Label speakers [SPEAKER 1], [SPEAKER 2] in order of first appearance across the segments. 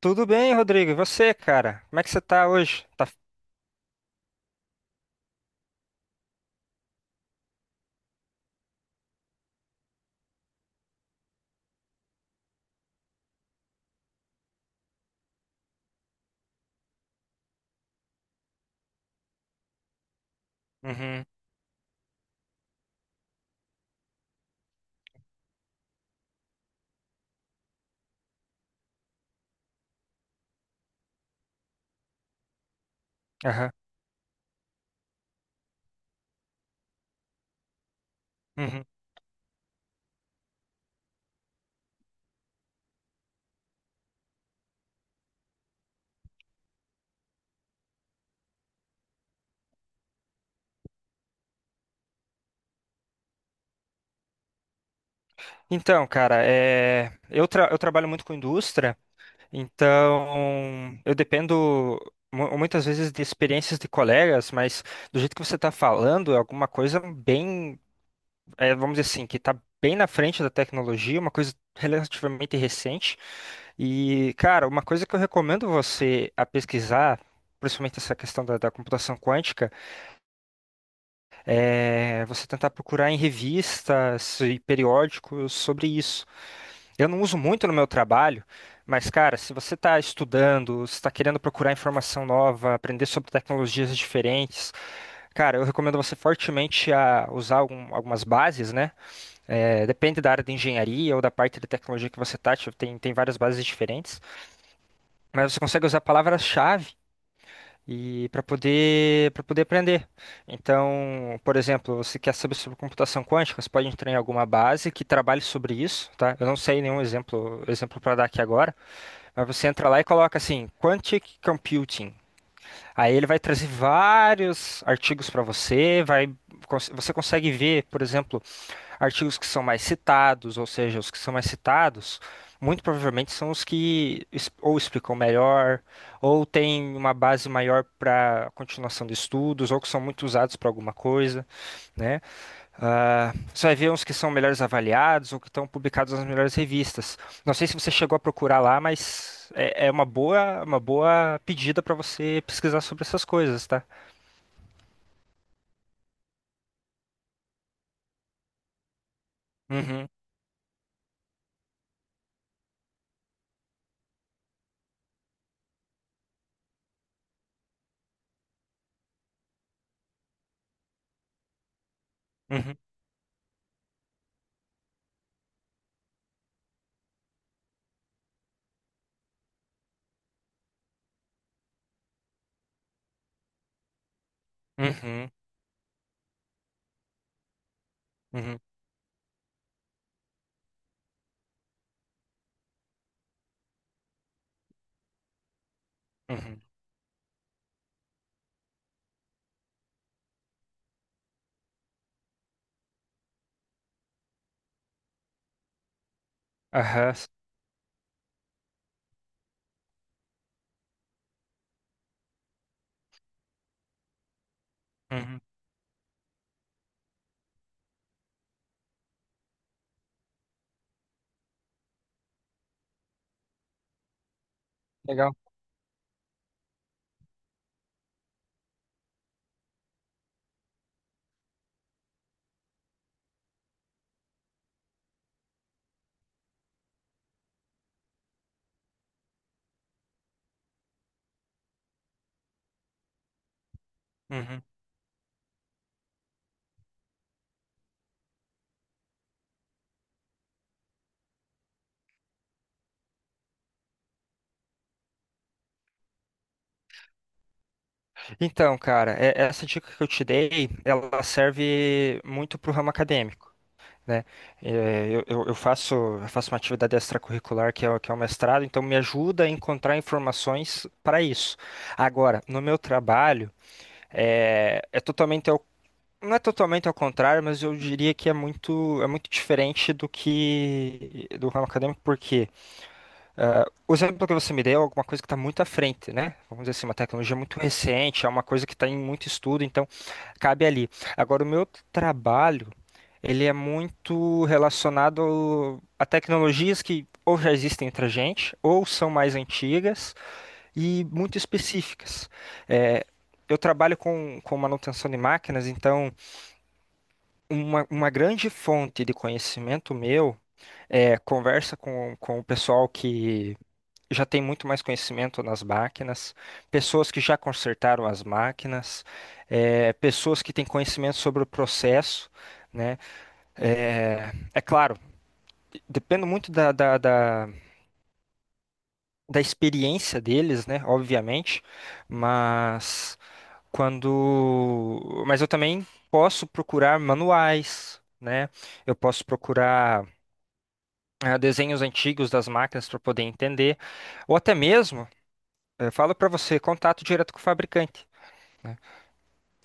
[SPEAKER 1] Tudo bem, Rodrigo? E você, cara? Como é que você tá hoje? Tá... Uhum, aham, uhum. Então, cara, eu trabalho muito com indústria, então eu dependo muitas vezes de experiências de colegas, mas do jeito que você está falando, é alguma coisa bem, é, vamos dizer assim, que está bem na frente da tecnologia, uma coisa relativamente recente. E, cara, uma coisa que eu recomendo você a pesquisar, principalmente essa questão da computação quântica, é, você tentar procurar em revistas e periódicos sobre isso. Eu não uso muito no meu trabalho, mas, cara, se você está estudando, se está querendo procurar informação nova, aprender sobre tecnologias diferentes, cara, eu recomendo você fortemente a usar algumas bases, né? É, depende da área de engenharia ou da parte de tecnologia que você está, tem várias bases diferentes, mas você consegue usar palavras-chave e para poder aprender. Então, por exemplo, você quer saber sobre computação quântica, você pode entrar em alguma base que trabalhe sobre isso, tá? Eu não sei nenhum exemplo para dar aqui agora, mas você entra lá e coloca assim, Quantic Computing. Aí ele vai trazer vários artigos para você, você consegue ver, por exemplo, artigos que são mais citados, ou seja, os que são mais citados, muito provavelmente são os que ou explicam melhor, ou têm uma base maior para continuação de estudos, ou que são muito usados para alguma coisa, né? Você vai ver uns que são melhores avaliados ou que estão publicados nas melhores revistas. Não sei se você chegou a procurar lá, mas é uma boa pedida para você pesquisar sobre essas coisas, tá? Uhum, uhum, uhum, uhum, uhum. Aham, uhum. Legal. Uhum. Então, cara, essa dica que eu te dei, ela serve muito para o ramo acadêmico, né? É, eu faço uma atividade extracurricular que é o mestrado, então me ajuda a encontrar informações para isso. Agora, no meu trabalho, é, não é totalmente ao contrário, mas eu diria que é muito diferente do que do ramo acadêmico, por quê? Ah, o exemplo que você me deu é alguma coisa que está muito à frente, né? Vamos dizer assim, uma tecnologia muito recente, é uma coisa que está em muito estudo, então cabe ali. Agora, o meu trabalho, ele é muito relacionado a tecnologias que ou já existem entre a gente, ou são mais antigas e muito específicas. É, eu trabalho com manutenção de máquinas, então uma grande fonte de conhecimento meu é conversa com o pessoal que já tem muito mais conhecimento nas máquinas, pessoas que já consertaram as máquinas, pessoas que têm conhecimento sobre o processo, né? É, claro, depende muito da experiência deles, né? Obviamente, mas mas eu também posso procurar manuais, né? Eu posso procurar desenhos antigos das máquinas para poder entender, ou até mesmo, eu falo para você, contato direto com o fabricante. Né?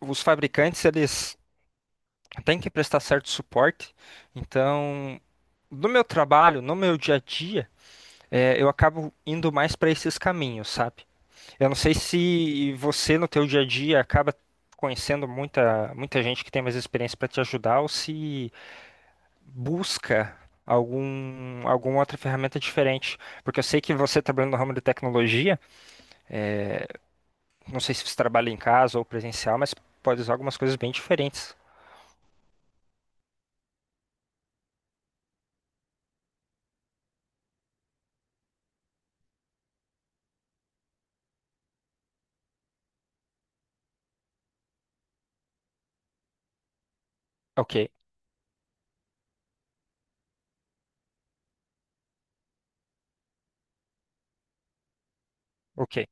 [SPEAKER 1] Os fabricantes, eles têm que prestar certo suporte. Então, no meu trabalho, no meu dia a dia, é, eu acabo indo mais para esses caminhos, sabe? Eu não sei se você, no teu dia a dia, acaba conhecendo muita gente que tem mais experiência para te ajudar ou se busca alguma outra ferramenta diferente. Porque eu sei que você trabalhando no ramo de tecnologia, é, não sei se você trabalha em casa ou presencial, mas pode usar algumas coisas bem diferentes. Ok, ok.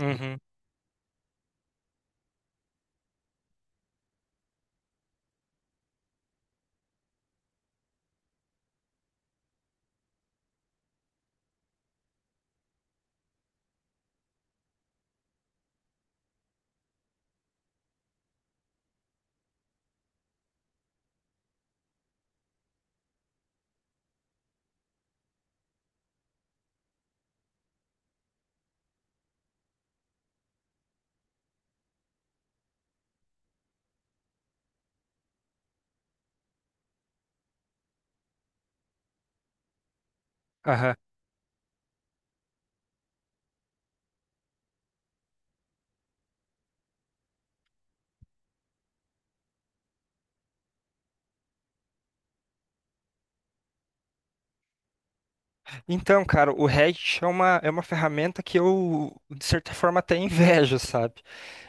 [SPEAKER 1] Uhum, aham. Então, cara, o Reddit é uma ferramenta que eu, de certa forma, até invejo, sabe?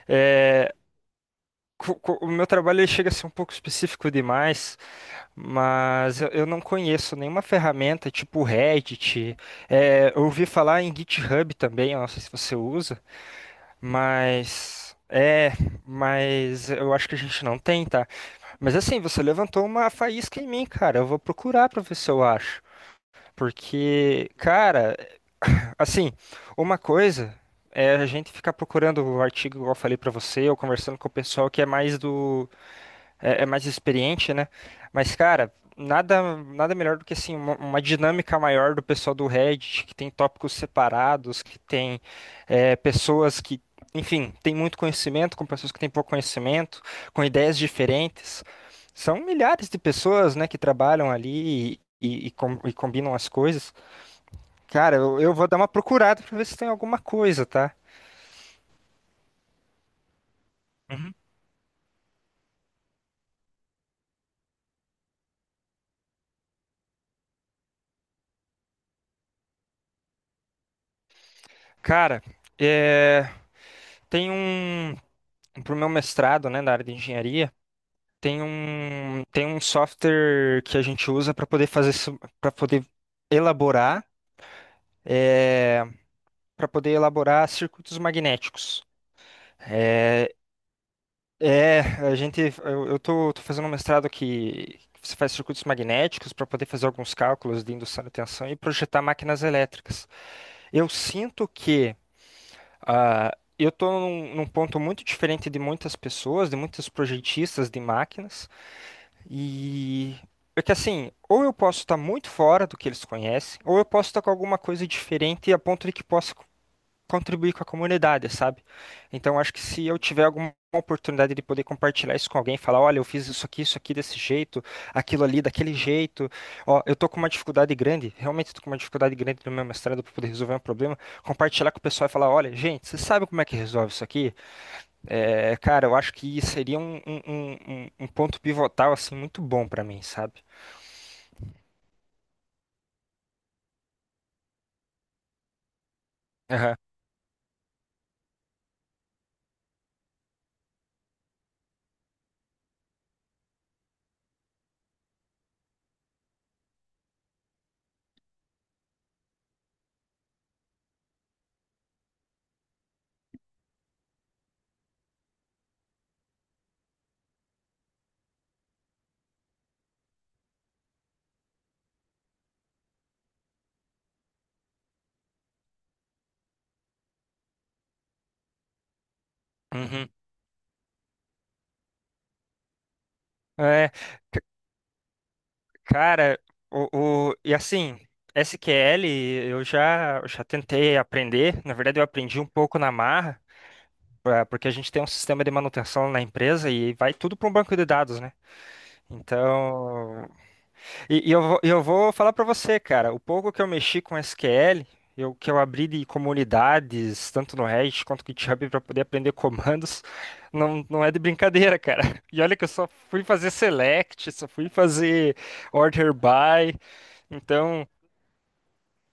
[SPEAKER 1] É, o meu trabalho ele chega a ser um pouco específico demais, mas eu não conheço nenhuma ferramenta tipo o Reddit. É, eu ouvi falar em GitHub também, eu não sei se você usa, mas. É, mas eu acho que a gente não tem, tá? Mas assim, você levantou uma faísca em mim, cara. Eu vou procurar pra ver se eu acho. Porque, cara, assim, uma coisa é a gente ficar procurando o artigo, igual eu falei pra você, ou conversando com o pessoal que é é, é mais experiente, né? Mas, cara, nada melhor do que assim uma dinâmica maior do pessoal do Reddit, que tem tópicos separados, que tem é, pessoas que, enfim, tem muito conhecimento, com pessoas que têm pouco conhecimento, com ideias diferentes. São milhares de pessoas, né, que trabalham ali e combinam as coisas. Cara, eu vou dar uma procurada pra ver se tem alguma coisa, tá? Uhum. Cara, é, tem um. Pro meu mestrado, né, na área de engenharia, tem um software que a gente usa para poder fazer. Para poder elaborar. É, para poder elaborar circuitos magnéticos. É, é, a gente, eu tô, tô fazendo um mestrado que você faz circuitos magnéticos para poder fazer alguns cálculos de indução de tensão e projetar máquinas elétricas. Eu sinto que eu estou num ponto muito diferente de muitas pessoas, de muitos projetistas de máquinas, e é que assim, ou eu posso estar muito fora do que eles conhecem, ou eu posso estar com alguma coisa diferente a ponto de que possa contribuir com a comunidade, sabe? Então, acho que se eu tiver alguma oportunidade de poder compartilhar isso com alguém, falar, olha, eu fiz isso aqui desse jeito, aquilo ali daquele jeito, ó, eu tô com uma dificuldade grande, realmente tô com uma dificuldade grande no meu mestrado para poder resolver um problema, compartilhar com o pessoal e falar, olha, gente, você sabe como é que resolve isso aqui? É, cara, eu acho que seria um ponto pivotal, assim, muito bom para mim, sabe? Aham. Uhum. É, cara, e assim, SQL eu já tentei aprender. Na verdade, eu aprendi um pouco na marra, porque a gente tem um sistema de manutenção na empresa e vai tudo para um banco de dados, né? Então, e eu vou falar para você, cara, o pouco que eu mexi com SQL, que eu abri de comunidades, tanto no Reddit quanto no GitHub, para poder aprender comandos, não, não é de brincadeira, cara. E olha que eu só fui fazer select, só fui fazer order by. Então,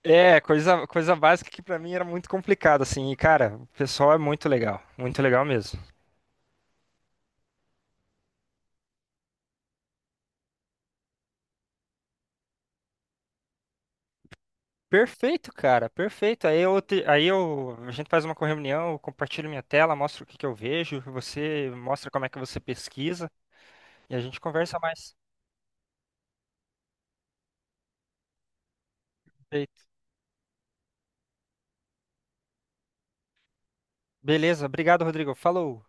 [SPEAKER 1] é, coisa básica que pra mim era muito complicado, assim. E, cara, o pessoal é muito legal mesmo. Perfeito, cara, perfeito. Aí eu, a gente faz uma reunião, eu compartilho minha tela, mostro o que que eu vejo, você mostra como é que você pesquisa e a gente conversa mais. Perfeito. Beleza, obrigado, Rodrigo. Falou.